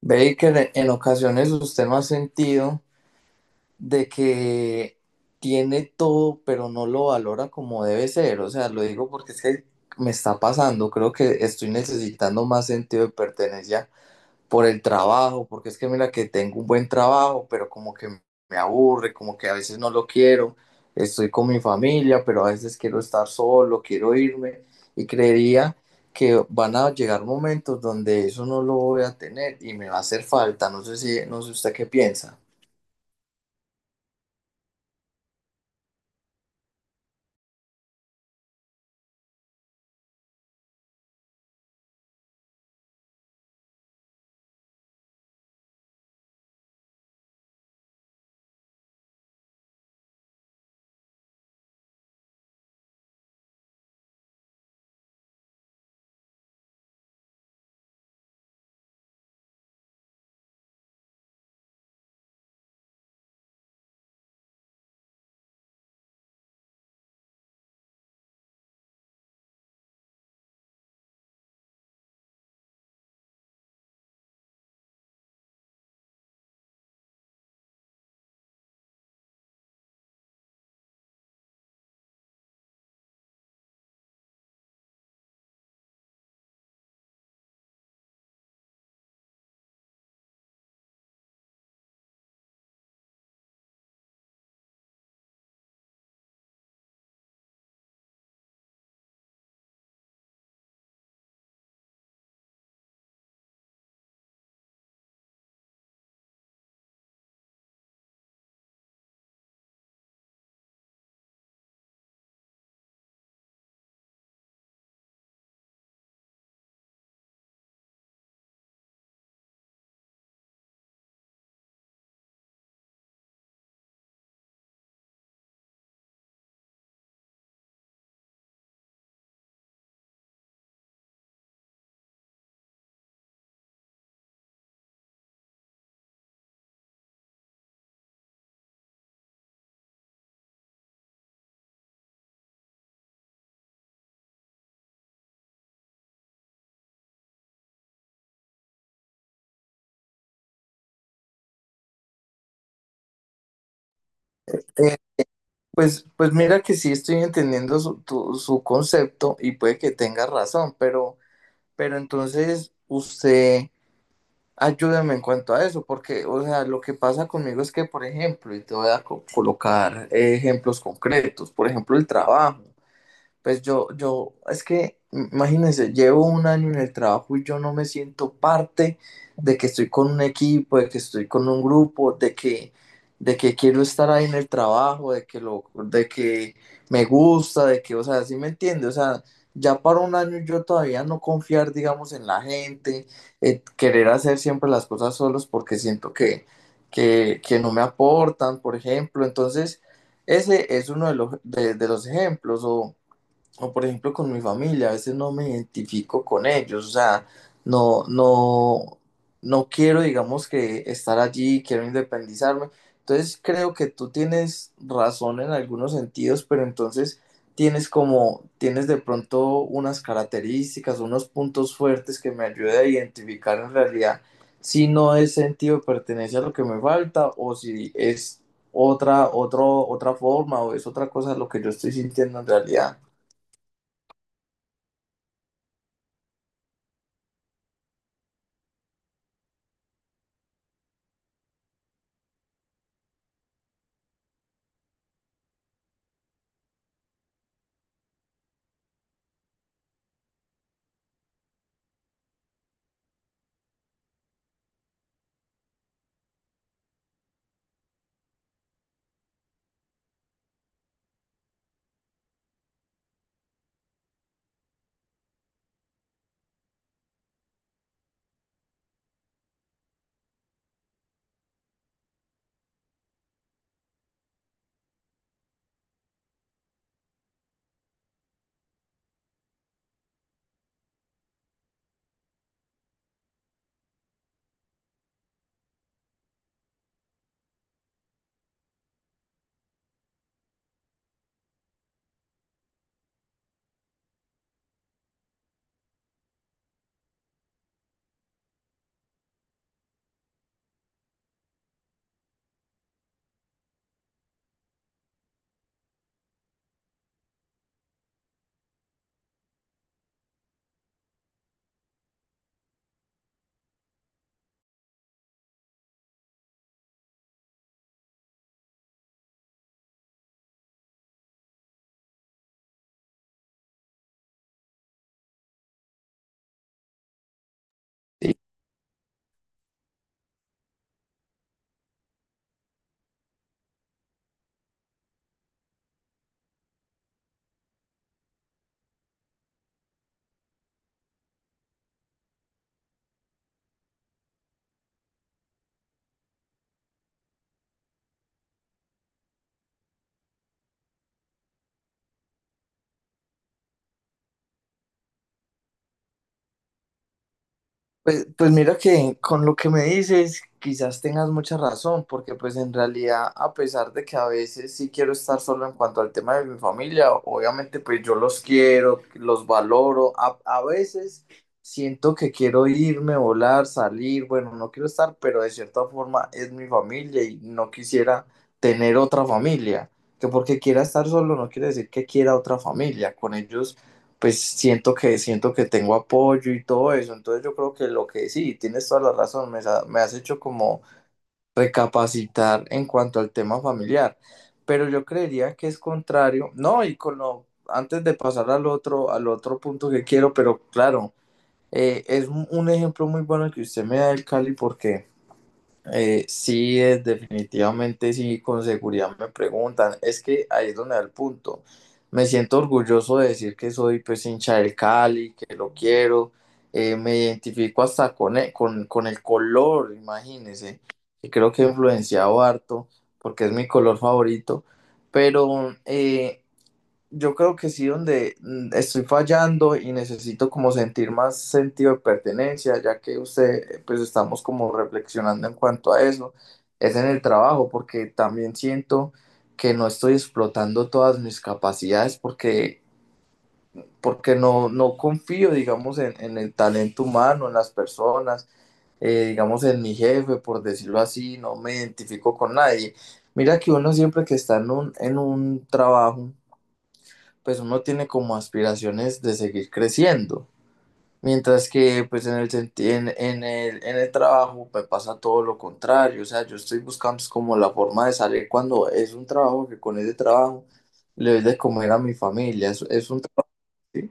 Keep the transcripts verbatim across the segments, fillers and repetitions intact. Baker, en ocasiones usted no ha sentido de que tiene todo, pero no lo valora como debe ser. O sea, lo digo porque es que me está pasando. Creo que estoy necesitando más sentido de pertenencia por el trabajo, porque es que mira que tengo un buen trabajo, pero como que me aburre, como que a veces no lo quiero, estoy con mi familia, pero a veces quiero estar solo, quiero irme y creería que van a llegar momentos donde eso no lo voy a tener y me va a hacer falta, no sé si, no sé usted qué piensa. Eh, pues, pues mira que sí estoy entendiendo su, tu- su concepto y puede que tenga razón, pero, pero entonces usted ayúdame en cuanto a eso, porque, o sea, lo que pasa conmigo es que, por ejemplo, y te voy a co- colocar eh, ejemplos concretos, por ejemplo, el trabajo. Pues yo, yo, es que, imagínense, llevo un año en el trabajo y yo no me siento parte de que estoy con un equipo, de que estoy con un grupo, de que, de que quiero estar ahí en el trabajo, de que lo, de que me gusta, de que, o sea, ¿sí me entiende? O sea, ya para un año yo todavía no confiar, digamos, en la gente, eh, querer hacer siempre las cosas solos porque siento que, que, que no me aportan, por ejemplo. Entonces, ese es uno de los, de, de los ejemplos. O, o por ejemplo con mi familia, a veces no me identifico con ellos, o sea, no, no, no quiero, digamos, que estar allí, quiero independizarme. Entonces creo que tú tienes razón en algunos sentidos, pero entonces tienes como, tienes de pronto unas características, unos puntos fuertes que me ayudan a identificar en realidad si no es sentido de pertenencia lo que me falta o si es otra, otro, otra forma o es otra cosa lo que yo estoy sintiendo en realidad. Pues, pues mira que con lo que me dices, quizás tengas mucha razón, porque pues en realidad, a pesar de que a veces sí quiero estar solo en cuanto al tema de mi familia, obviamente pues yo los quiero, los valoro, a, a veces siento que quiero irme, volar, salir, bueno, no quiero estar, pero de cierta forma es mi familia y no quisiera tener otra familia, que porque quiera estar solo no quiere decir que quiera otra familia, con ellos pues siento que siento que tengo apoyo y todo eso. Entonces yo creo que lo que sí, tienes toda la razón, me, sa- me has hecho como recapacitar en cuanto al tema familiar, pero yo creería que es contrario. No, y con lo, antes de pasar al otro, al otro punto que quiero, pero claro, eh, es un, un ejemplo muy bueno que usted me da del Cali porque eh, sí, eh, definitivamente sí, con seguridad me preguntan. Es que ahí es donde da el punto. Me siento orgulloso de decir que soy pues hincha del Cali, que lo quiero. Eh, me identifico hasta con e- con, con el color, imagínense. Y creo que he influenciado harto porque es mi color favorito. Pero eh, yo creo que sí, donde mm, estoy fallando y necesito como sentir más sentido de pertenencia, ya que usted, eh, pues estamos como reflexionando en cuanto a eso, es en el trabajo, porque también siento que no estoy explotando todas mis capacidades porque, porque no, no confío, digamos, en, en el talento humano, en las personas, eh, digamos, en mi jefe, por decirlo así, no me identifico con nadie. Mira que uno siempre que está en un, en un trabajo, pues uno tiene como aspiraciones de seguir creciendo. Mientras que pues en el, senti- en, en el, en el trabajo me pasa todo lo contrario, o sea, yo estoy buscando es como la forma de salir cuando es un trabajo que con ese trabajo le doy de comer a mi familia, es, es un... tra- Sí,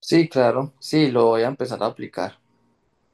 sí, claro, sí, lo voy a empezar a aplicar.